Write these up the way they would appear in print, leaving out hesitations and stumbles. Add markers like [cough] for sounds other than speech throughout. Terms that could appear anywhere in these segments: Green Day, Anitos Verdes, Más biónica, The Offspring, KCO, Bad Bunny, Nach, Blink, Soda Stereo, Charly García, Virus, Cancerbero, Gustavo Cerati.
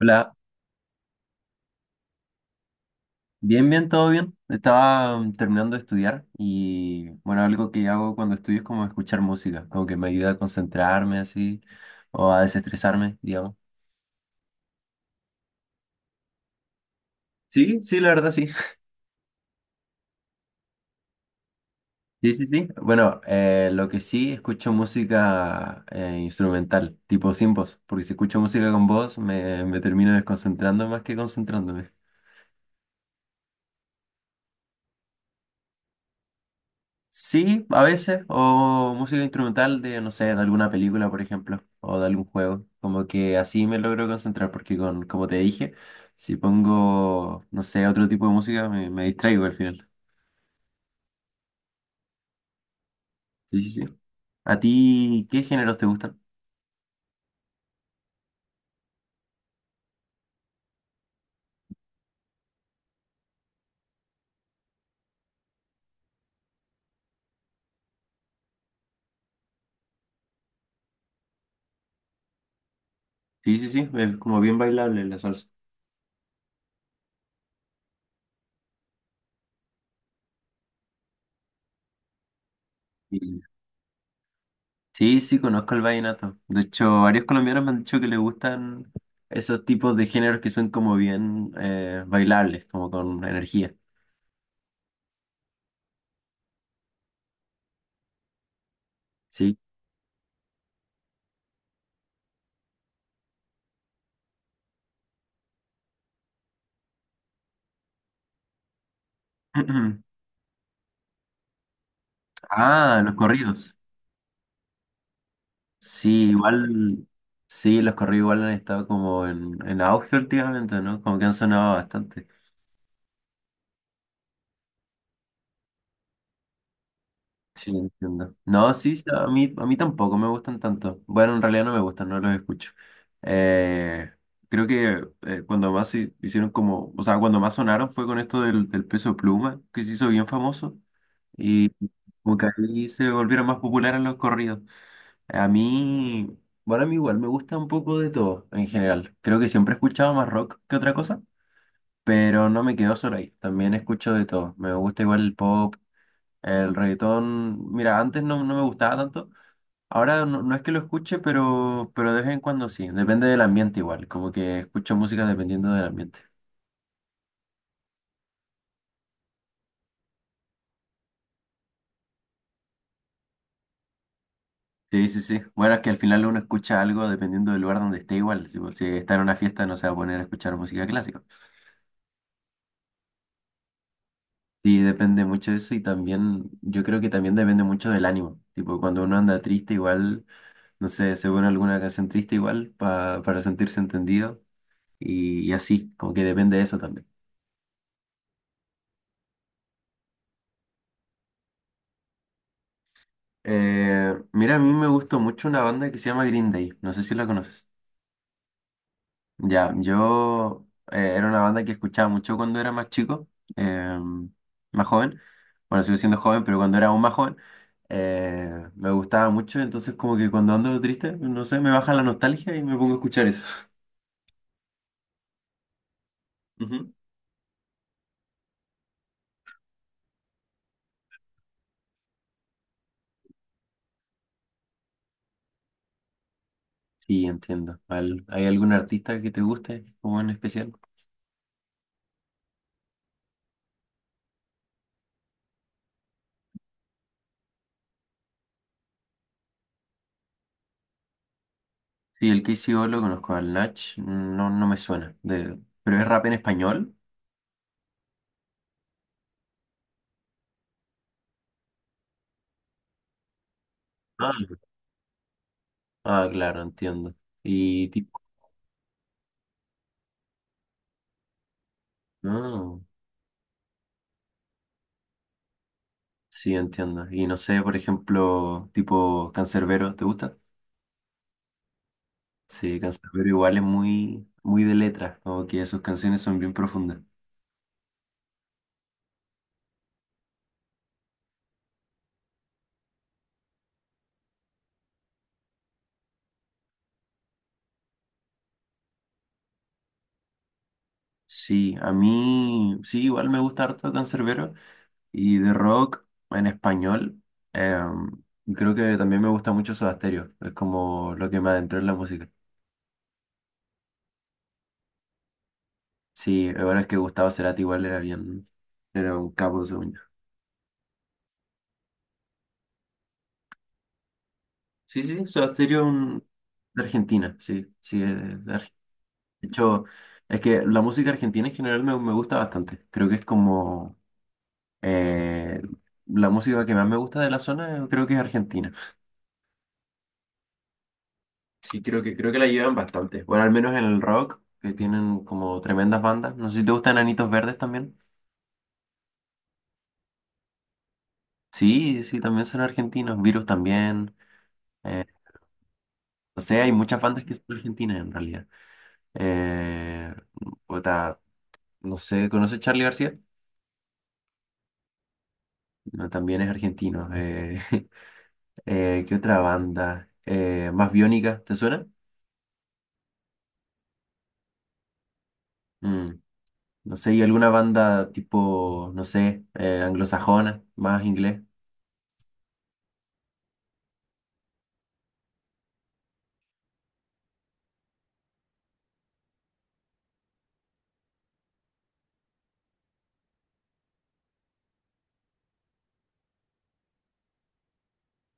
Hola, bien, bien, todo bien. Estaba terminando de estudiar y bueno, algo que hago cuando estudio es como escuchar música, como que me ayuda a concentrarme así o a desestresarme, digamos. Sí, sí, la verdad sí. [laughs] Sí, sí, sí. Bueno, lo que sí escucho música instrumental, tipo sin voz, porque si escucho música con voz me termino desconcentrando más que concentrándome. Sí, a veces, o música instrumental de, no sé, de alguna película, por ejemplo, o de algún juego. Como que así me logro concentrar, porque con, como te dije, si pongo, no sé, otro tipo de música, me distraigo al final. Sí, sí, sí. ¿A ti qué géneros te gustan? Sí, sí, sí, es como bien bailable la salsa. Y- Sí, sí, conozco el vallenato. De hecho, varios colombianos me han dicho que les gustan esos tipos de géneros que son como bien bailables, como con energía. Sí. [clears throat] Ah, los corridos. Sí, igual, sí, los corridos igual han estado como en auge últimamente, ¿no? Como que han sonado bastante. Sí, entiendo. No, sí, sí, a mí tampoco me gustan tanto. Bueno, en realidad no me gustan, no los escucho. Eh, creo que cuando más hicieron como, o sea, cuando más sonaron fue con esto del peso pluma, que se hizo bien famoso, y como que ahí se volvieron más populares los corridos. A mí, bueno, a mí igual me gusta un poco de todo en general. Creo que siempre he escuchado más rock que otra cosa, pero no me quedo solo ahí. También escucho de todo. Me gusta igual el pop, el reggaetón. Mira, antes no, no me gustaba tanto. Ahora no, no es que lo escuche, pero de vez en cuando sí. Depende del ambiente igual. Como que escucho música dependiendo del ambiente. Sí, sí, sí. Bueno, es que al final uno escucha algo dependiendo del lugar donde esté igual. Si, si está en una fiesta no se va a poner a escuchar música clásica. Sí, depende mucho de eso y también yo creo que también depende mucho del ánimo. Tipo, cuando uno anda triste igual, no sé, se pone alguna canción triste igual para sentirse entendido y así, como que depende de eso también. Mira, a mí me gustó mucho una banda que se llama Green Day, no sé si la conoces. Ya, yo era una banda que escuchaba mucho cuando era más chico, eh, más joven. Bueno, sigo siendo joven, pero cuando era aún más joven, me gustaba mucho. Entonces, como que cuando ando triste, no sé, me baja la nostalgia y me pongo a escuchar eso. [laughs] Ujú. Sí, entiendo. ¿Hay algún artista que te guste, como en especial? Sí, el KCO lo conozco, al Nach, no, no me suena. De, ¿pero es rap en español? Ah, Ah, claro, entiendo. Y tipo, no. Sí, entiendo. Y no sé, por ejemplo, tipo Cancerbero, ¿te gusta? Sí, Cancerbero igual es muy, muy de letras, como que sus canciones son bien profundas. Sí, a mí, sí, igual me gusta harto Cancerbero y de rock en español. eh, y creo que también me gusta mucho Soda Stereo, es como lo que me adentré en la música. Sí, la verdad es que Gustavo Cerati igual era bien, era un capo, según yo. Sí, sí, Soda Stereo es un- de Argentina, sí, sí, es de Argentina. De hecho, es que la música argentina en general me gusta bastante. Creo que es como eh, la música que más me gusta de la zona, creo que es argentina. Sí, creo que la llevan bastante. Bueno, al menos en el rock, que tienen como tremendas bandas. No sé si te gustan Anitos Verdes también. Sí, sí, también son argentinos. Virus también. Eh, no sé, hay muchas bandas que son argentinas en realidad. Eh, puta, no sé, ¿conoces Charly García? No, también es argentino. [laughs] ¿Qué otra banda? ¿Más biónica? ¿Te suena? Mm, no sé, ¿y alguna banda tipo, no sé, anglosajona, más inglés?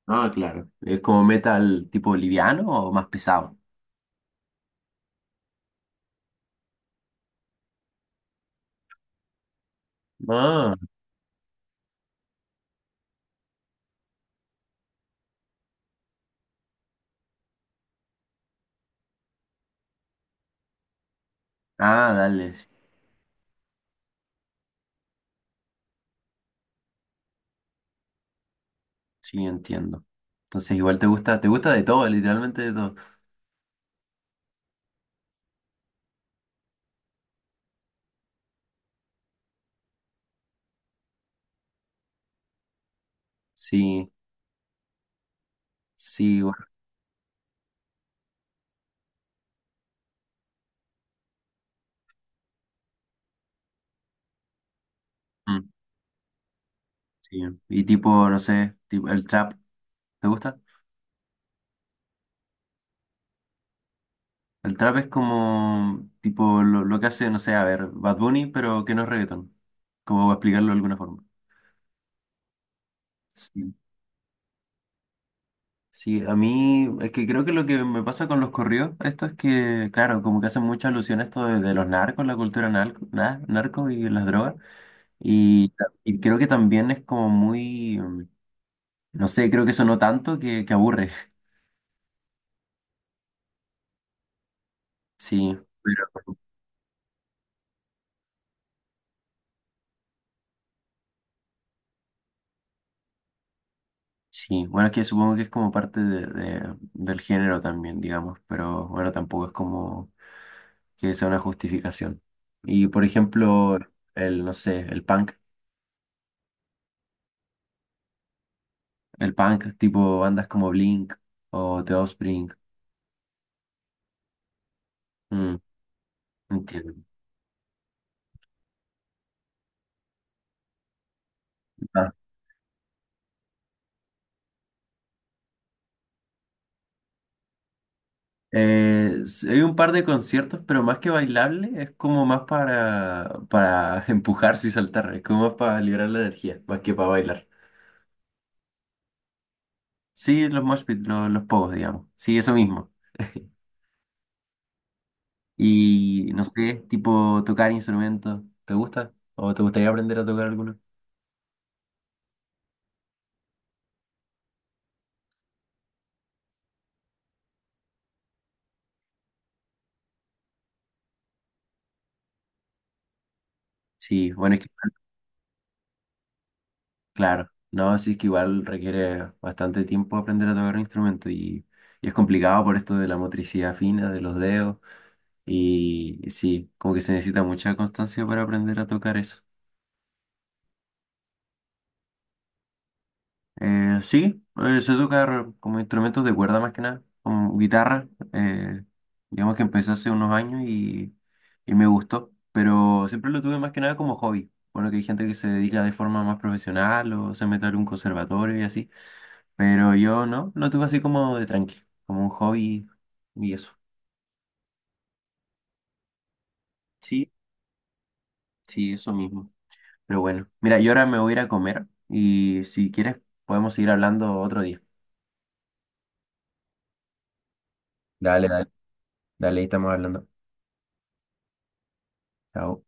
Ah, claro. ¿Es como metal tipo liviano o más pesado? Ah, ah, dale, sí, sí, entiendo. Entonces igual te gusta de todo, literalmente de todo. Sí, sí, bueno, mm, sí. Y tipo, no sé, tipo, el trap, ¿te gusta? El trap es como tipo lo que hace, no sé, a ver, Bad Bunny, pero que no es reggaetón. Como para explicarlo de alguna forma. Sí. Sí, a mí es que creo que lo que me pasa con los corridos, esto es que, claro, como que hacen mucha alusión a esto de los narcos, la cultura narco, narco y las drogas. Y, y creo que también es como muy, no sé, creo que sonó tanto que aburre. [laughs] Sí, pero sí, bueno, es que supongo que es como parte de, del género también, digamos, pero bueno, tampoco es como que sea una justificación. Y por ejemplo, el, no sé, el punk tipo bandas como Blink o The Offspring. Mm, entiendo. Ah. Hay un par de conciertos, pero más que bailable, es como más para [laughs] empujarse y saltar, es como más para liberar la energía, más que para bailar. Sí, los mosh pit, los, pogos, digamos. Sí, eso mismo. Y no sé, tipo tocar instrumentos, ¿te gusta? ¿O te gustaría aprender a tocar alguno? Sí, bueno, es que Claro, no, sí es que igual requiere bastante tiempo aprender a tocar un instrumento y es complicado por esto de la motricidad fina, de los dedos y sí, como que se necesita mucha constancia para aprender a tocar eso. Sí, sé tocar como instrumentos de cuerda más que nada, como guitarra, digamos que empecé hace unos años y me gustó, pero siempre lo tuve más que nada como hobby. Bueno, que hay gente que se dedica de forma más profesional o se mete a un conservatorio y así. Pero yo no, lo tuve así como de tranqui, como un hobby y eso. Sí, sí, eso mismo. Pero bueno, mira, yo ahora me voy a ir a comer y si quieres podemos seguir hablando otro día. Dale, dale, dale, ahí estamos hablando. Chao.